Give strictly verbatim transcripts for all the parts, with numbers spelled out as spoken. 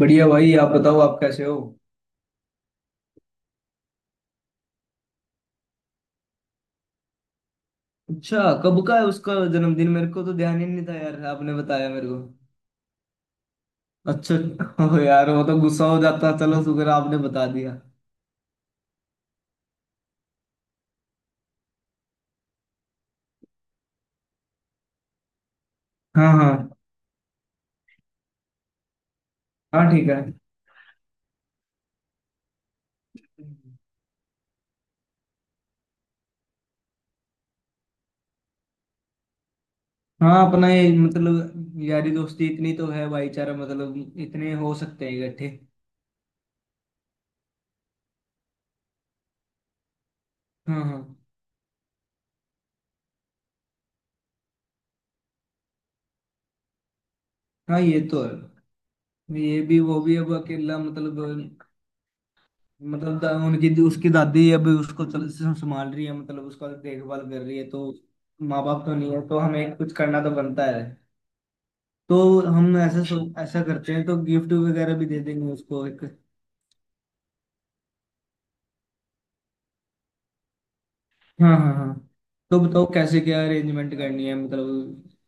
बढ़िया भाई, आप बताओ। आप कैसे हो? अच्छा। कब का है उसका जन्मदिन? मेरे को तो ध्यान ही नहीं था यार, आपने बताया मेरे को। अच्छा। हो यार, वो तो गुस्सा हो जाता। चलो शुक्र आपने बता दिया। हाँ हाँ। हाँ, ठीक है। हम्म। हाँ, अपना ये मतलब यारी दोस्ती इतनी तो है, भाईचारा मतलब इतने हो सकते हैं इकट्ठे। हाँ हाँ। हाँ, ये तो है। ये भी वो भी, अब अकेला मतलब। मतलब दा- उनकी उसकी दादी अब उसको चल संभाल रही है, मतलब उसका देखभाल कर रही है, तो माँ बाप तो नहीं है तो हमें कुछ करना तो बनता है। तो हम ऐसा सो- ऐसा करते हैं तो गिफ्ट वगैरह भी दे देंगे उसको एक। हाँ हाँ हाँ। तो बताओ कैसे क्या अरेंजमेंट करनी है मतलब।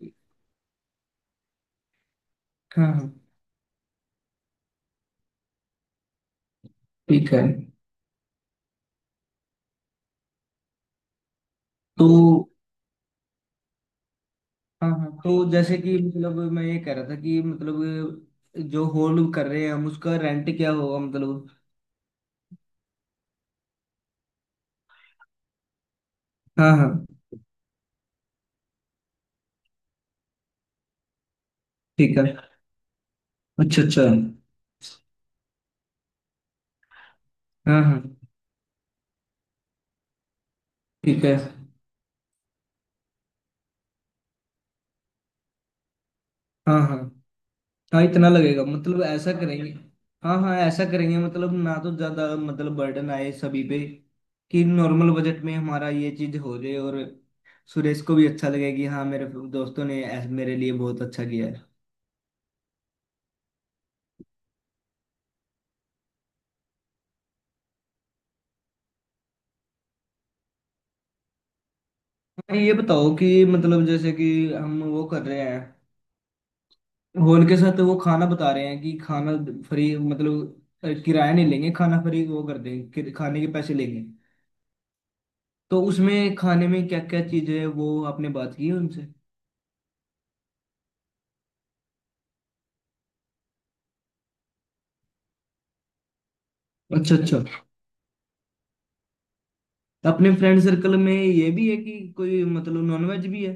हाँ हाँ, ठीक है। तो हाँ हाँ, तो जैसे कि मतलब मैं ये कह रहा था कि मतलब जो होल्ड कर रहे हैं हम, उसका रेंट क्या होगा मतलब। हाँ हाँ, ठीक है। अच्छा अच्छा। हाँ हाँ, ठीक है। हाँ हाँ हाँ, इतना लगेगा मतलब, ऐसा करेंगे। हाँ हाँ, ऐसा करेंगे, मतलब ना तो ज्यादा मतलब बर्डन आए सभी पे, कि नॉर्मल बजट में हमारा ये चीज हो जाए और सुरेश को भी अच्छा लगे कि हाँ, मेरे दोस्तों ने ऐस- मेरे लिए बहुत अच्छा किया है। हाँ, ये बताओ कि मतलब जैसे कि हम वो कर रहे हैं, हॉल के साथ वो खाना बता रहे हैं कि खाना फ्री, मतलब अ, किराया नहीं लेंगे, खाना फ्री वो कर देंगे, कि- खाने के पैसे लेंगे। तो उसमें खाने में क्या क्या चीज है, वो आपने बात की उनसे? अच्छा अच्छा। तो अपने फ्रेंड सर्कल में ये भी है कि कोई मतलब नॉनवेज भी है।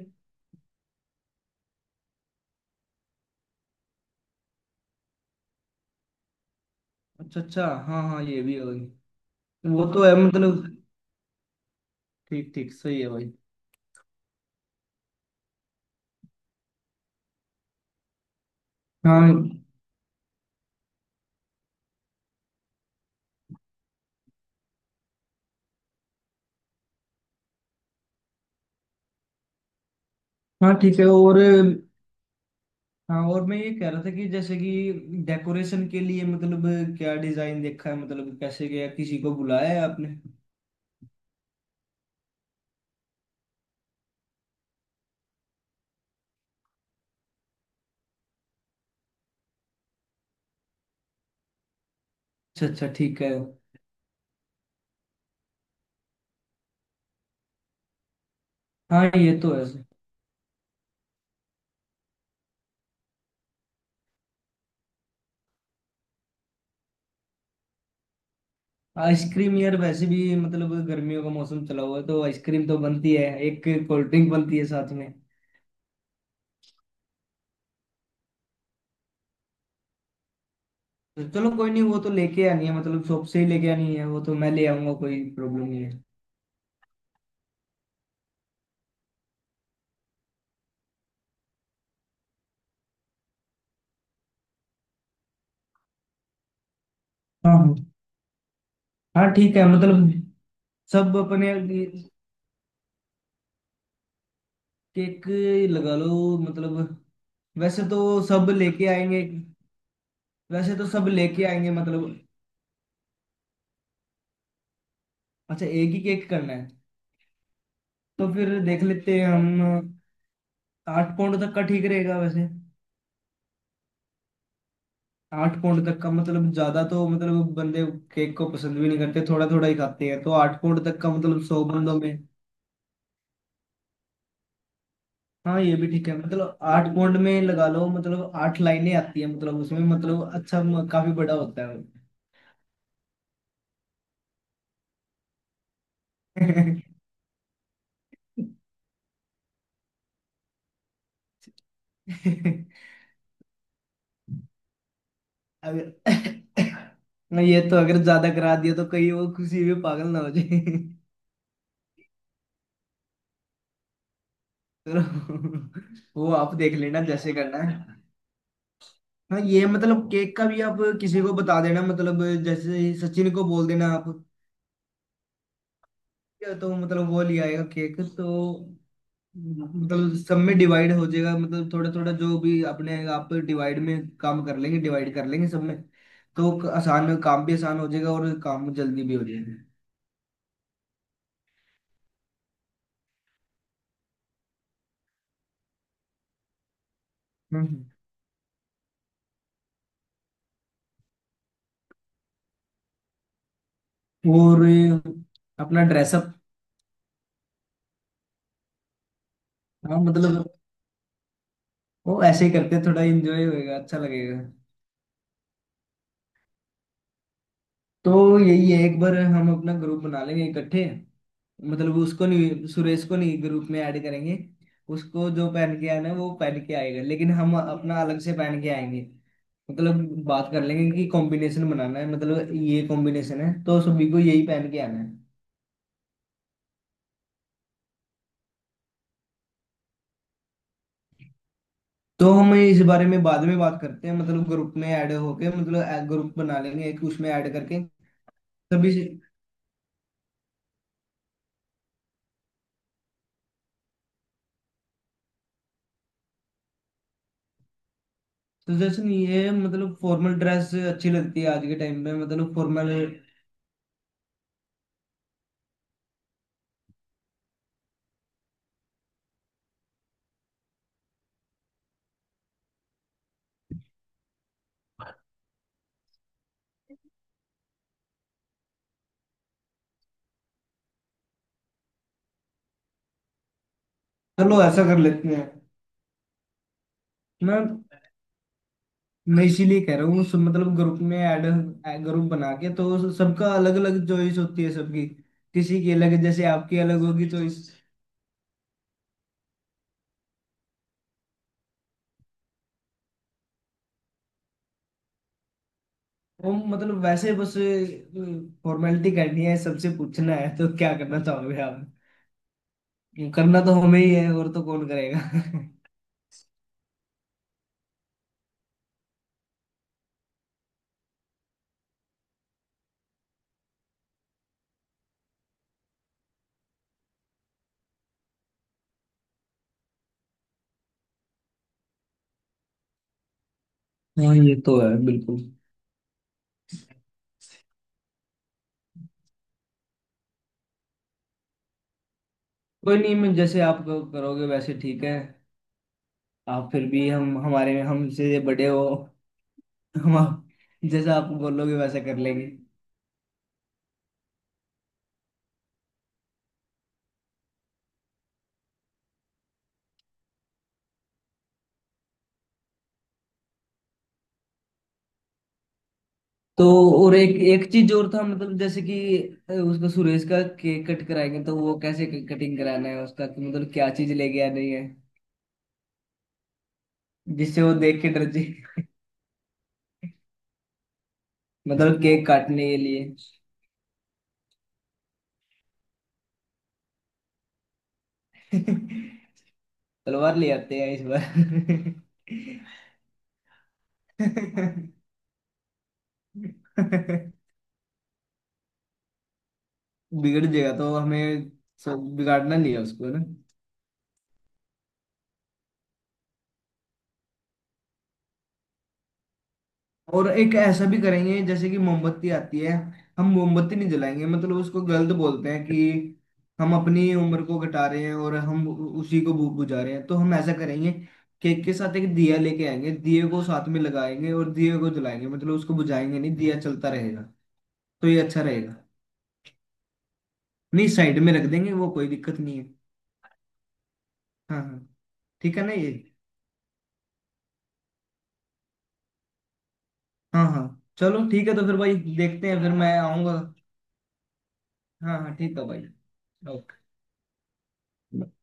अच्छा अच्छा, हाँ हाँ, ये भी है भाई। वो तो है मतलब, ठीक ठीक, सही है भाई। हाँ हाँ, ठीक है, और हाँ, और मैं ये कह रहा था कि जैसे कि डेकोरेशन के लिए मतलब, क्या डिजाइन देखा है, मतलब कैसे गया, किसी को बुलाया है आपने? अच्छा अच्छा, ठीक है। हाँ, ये तो है। आइसक्रीम यार, वैसे भी मतलब गर्मियों का मौसम चला हुआ है, तो आइसक्रीम तो बनती है, एक कोल्ड ड्रिंक बनती है साथ में। तो चलो, कोई नहीं, वो तो लेके आनी है मतलब, शॉप से ही लेके आनी है, वो तो मैं ले आऊंगा, कोई प्रॉब्लम नहीं है। हाँ हाँ हाँ, ठीक है मतलब। सब अपने केक लगा लो मतलब, वैसे तो सब लेके आएंगे। वैसे तो सब लेके आएंगे मतलब। अच्छा, एक ही केक करना है। तो फिर देख लेते हैं हम, आठ पाउंड तक का ठीक रहेगा वैसे। आठ पाउंड तक का मतलब, ज्यादा तो मतलब बंदे केक को पसंद भी नहीं करते, थोड़ा थोड़ा ही खाते हैं, तो आठ पाउंड तक का मतलब, सौ बंदों में। हाँ, ये भी ठीक है मतलब, आठ पॉइंट में लगा लो, मतलब आठ लाइनें आती है मतलब उसमें, मतलब अच्छा म- काफी बड़ा होता है वो। अगर ना ये तो, अगर ज्यादा करा दिया तो कहीं वो किसी भी पागल ना हो जाए। तो वो आप देख लेना जैसे करना है। हाँ, ये मतलब केक का भी आप किसी को बता देना, मतलब जैसे सचिन को बोल देना आप, या तो मतलब वो ले आएगा केक तो। मतलब सब में डिवाइड हो जाएगा, मतलब थोड़ा थोड़ा जो भी, अपने आप डिवाइड में काम कर लेंगे, डिवाइड कर लेंगे सब में, तो क- आसान काम भी आसान हो जाएगा और काम जल्दी भी हो जाएगा। हम्म। और अपना ड्रेसअप। हाँ मतलब, वो ऐसे ही करते हैं, थोड़ा एंजॉय होएगा, अच्छा लगेगा। तो यही है, एक बार हम अपना ग्रुप बना लेंगे इकट्ठे, मतलब उसको नहीं, सुरेश को नहीं ग्रुप में ऐड करेंगे। उसको जो पहन के आना है वो पहन के आएगा, लेकिन हम अपना अलग से पहन के आएंगे, मतलब बात कर लेंगे कि कॉम्बिनेशन बनाना है, मतलब ये कॉम्बिनेशन है तो सभी को यही पहन के आना है। तो हम इस बारे में बाद में बात करते हैं, मतलब ग्रुप में ऐड होके, मतलब ग्रुप बना लेंगे एक, उसमें ऐड करके सभी से। तो जैसे नहीं है मतलब, फॉर्मल ड्रेस अच्छी लगती है आज के टाइम में, मतलब फॉर्मल। चलो ऐसा कर लेते हैं। मैं मैं इसीलिए कह रहा हूँ सब, मतलब ग्रुप में ऐड, ग्रुप बना के, तो सबका अलग अलग चॉइस होती है सबकी, किसी की अलग, जैसे आपकी अलग होगी चॉइस। वो मतलब वैसे बस फॉर्मेलिटी करनी है, सबसे पूछना है तो क्या करना चाहोगे आप? करना तो हमें ही है, और तो कौन करेगा? हाँ, ये तो है बिल्कुल। कोई नहीं, मैं जैसे आप क- करोगे वैसे ठीक है। आप फिर भी हम हमारे हमसे बड़े हो। हम आप, जैसा आप बोलोगे वैसा कर लेंगे। तो और एक एक चीज और था मतलब, जैसे कि अ, उसका सुरेश का केक कट कराएंगे तो वो कैसे कटिंग कराना है उसका, कि मतलब क्या चीज लेके आनी है, जिससे वो देख के डर जाए? मतलब केक काटने के लिए। तलवार ले आते हैं इस बार। बिगड़ जाएगा तो हमें, सो बिगाड़ना नहीं है उसको ना। और एक ऐसा भी करेंगे, जैसे कि मोमबत्ती आती है, हम मोमबत्ती नहीं जलाएंगे, मतलब उसको गलत बोलते हैं कि हम अपनी उम्र को घटा रहे हैं और हम उ- उसी को बु- बुझा रहे हैं, तो हम ऐसा करेंगे। केक के साथ एक दिया लेके आएंगे, दिए को साथ में लगाएंगे और दिए को जलाएंगे, मतलब उसको बुझाएंगे नहीं, दिया चलता रहेगा, तो ये अच्छा रहेगा। नहीं, साइड में रख देंगे वो, कोई दिक्कत नहीं है। हाँ हाँ, ठीक है ना ये। हाँ हाँ, चलो ठीक है तो फिर भाई देखते हैं, फिर मैं आऊँगा। हाँ हाँ, ठीक है भाई। ओके।